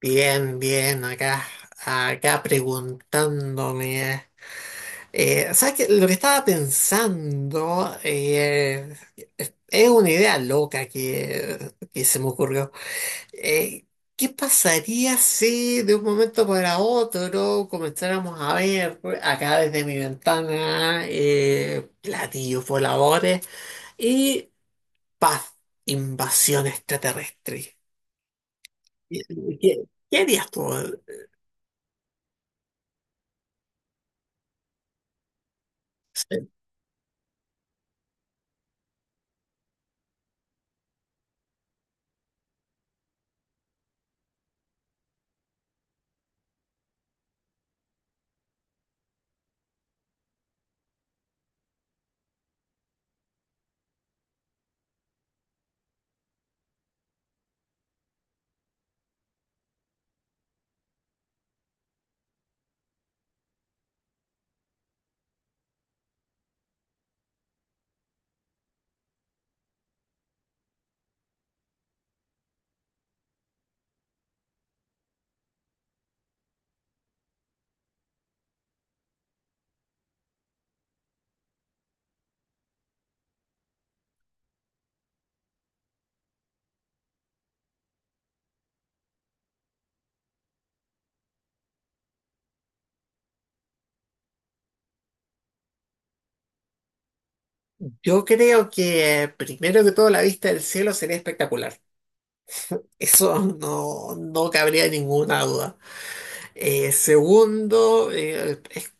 Bien, bien, acá, acá preguntándome. ¿Sabes qué? Lo que estaba pensando es una idea loca que se me ocurrió. Eh, ¿Qué pasaría si de un momento para otro comenzáramos a ver acá desde mi ventana platillos voladores y paz, invasión extraterrestre? ¿Qué, qué qué harías tú? Yo creo que primero que todo la vista del cielo sería espectacular. Eso no, no cabría ninguna duda. Segundo, es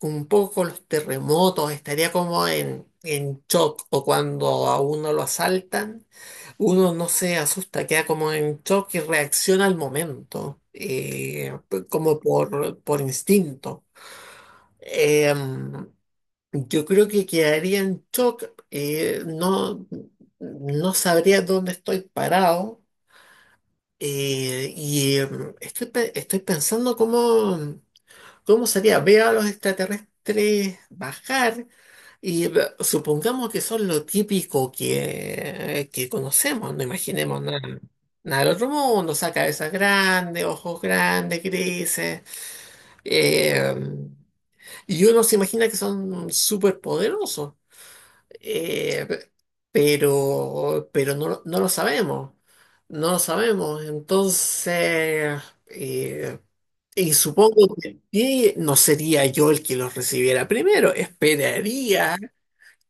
un poco los terremotos, estaría como en shock o cuando a uno lo asaltan, uno no se asusta, queda como en shock y reacciona al momento, pues, como por instinto. Em, yo creo que quedaría en shock. No, no sabría dónde estoy parado. eh, y eh, Estoy pensando cómo sería. Veo a los extraterrestres bajar y supongamos que son lo típico que conocemos. No imaginemos nada, nada del otro mundo. O sea, cabezas grandes, ojos grandes, grises. eh, y uno se imagina que son súper poderosos. Eh, pero no, no lo sabemos, no lo sabemos. Entonces, eh, y supongo que no sería yo el que los recibiera primero. Esperaría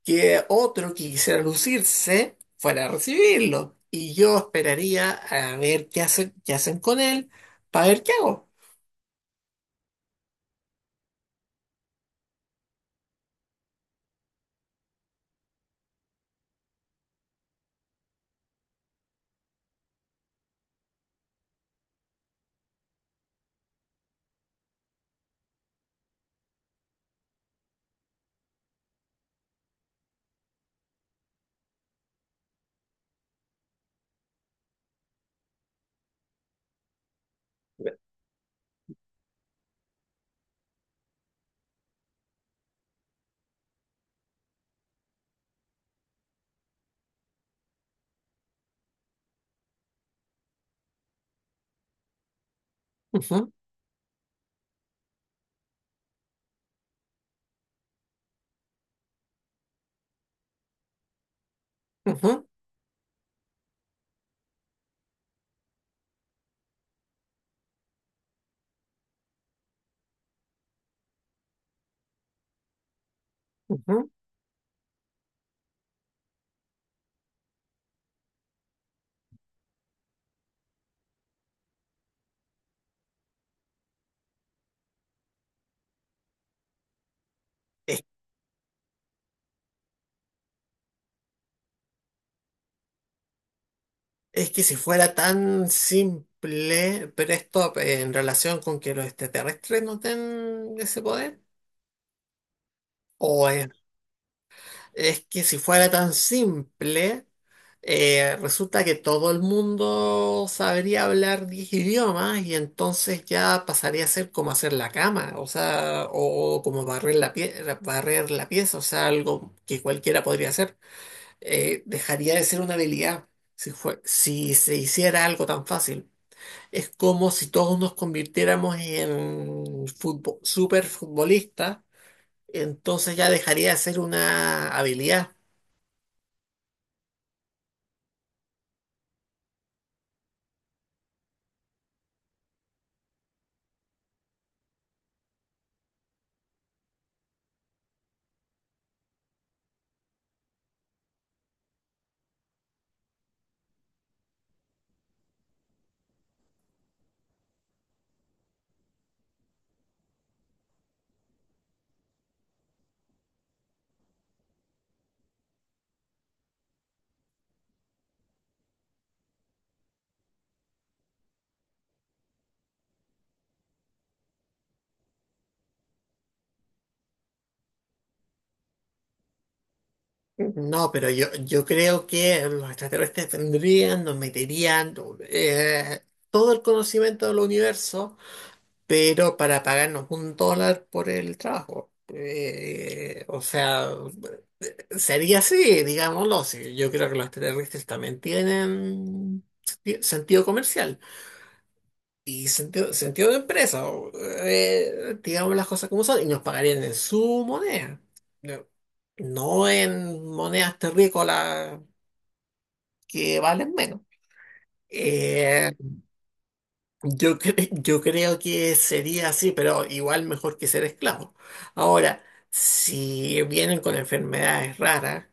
que otro que quisiera lucirse fuera a recibirlo. Y yo esperaría a ver qué hacen con él para ver qué hago. Ujú, ujú, ujú. Es que si fuera tan simple, pero esto en relación con que los extraterrestres no tengan ese poder, o es que si fuera tan simple, resulta que todo el mundo sabría hablar 10 idiomas y entonces ya pasaría a ser como hacer la cama, o sea, o como barrer la pieza, o sea, algo que cualquiera podría hacer. Dejaría de ser una habilidad si se hiciera algo tan fácil. Es como si todos nos convirtiéramos en superfutbolistas, entonces ya dejaría de ser una habilidad. No, pero yo creo que los extraterrestres vendrían, nos meterían eh, todo el conocimiento del universo, pero para pagarnos un dólar por el trabajo. O sea, sería así, digámoslo. Sí. Yo creo que los extraterrestres también tienen sentido comercial. Y sentido, sentido de empresa, o, digamos las cosas como son, y nos pagarían en su moneda, no no en monedas terrícolas que valen menos. Eh, yo creo que sería así, pero igual mejor que ser esclavo. Ahora, si vienen con enfermedades raras,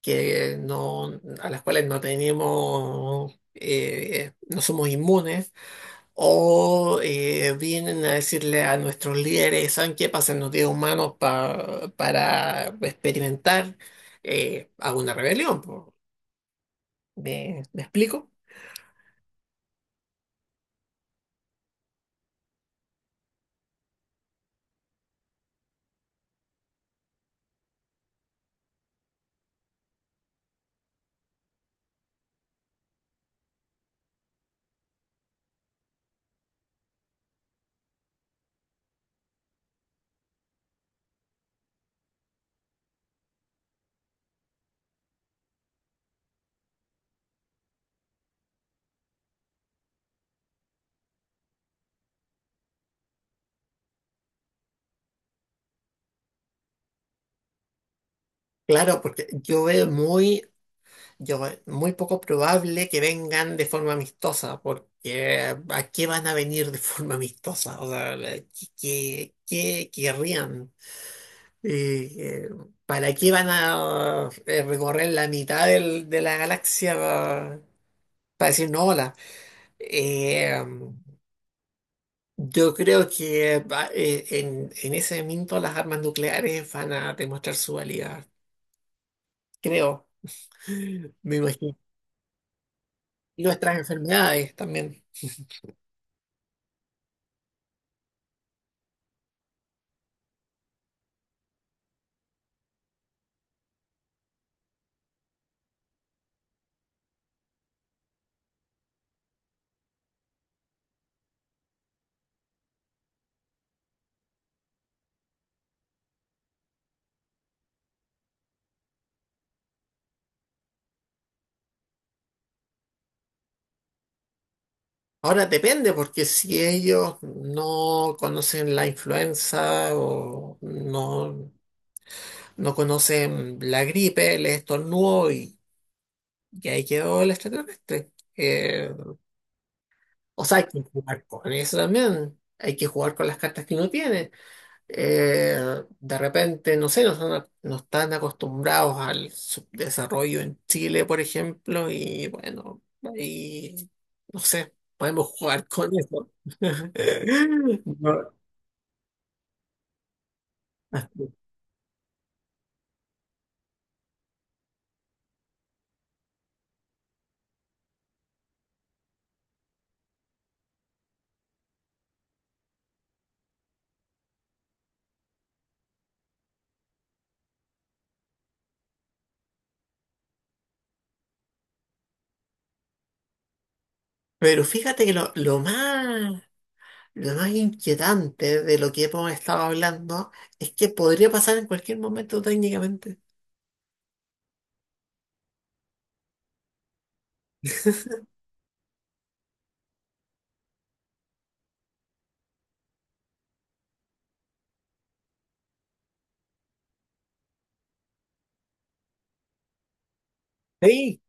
que no, a las cuales no tenemos, no somos inmunes, o vienen a decirle a nuestros líderes, ¿saben qué? Pásennos 10 humanos para experimentar a rebelión. Po. ¿Me, me explico? Claro, porque yo veo muy poco probable que vengan de forma amistosa, porque ¿a qué van a venir de forma amistosa? O sea, ¿qué querrían? Eh, eh, ¿Para qué van a recorrer la mitad de la galaxia? Para decir no, hola. Eh, yo creo que en ese momento las armas nucleares van a demostrar su valía, creo. Me imagino. Y nuestras enfermedades también. Ahora depende, porque si ellos no conocen la influenza o no, no conocen la gripe, les estornudó y ahí quedó el extraterrestre. Eh, o sea, hay que jugar con eso también. Hay que jugar con las cartas que uno tiene. De repente, no sé, no están, no están acostumbrados al subdesarrollo en Chile, por ejemplo, y bueno, ahí, no sé, podemos jugar con eso. No, pero fíjate que lo más inquietante de lo que hemos estado hablando es que podría pasar en cualquier momento técnicamente. Sí,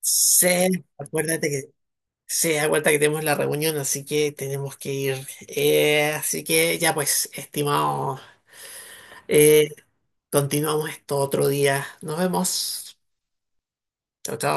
sí, acuérdate que se da cuenta que tenemos la reunión, así que tenemos que ir. Así que ya pues, estimado, eh, continuamos esto otro día. Nos vemos. Chao, chao.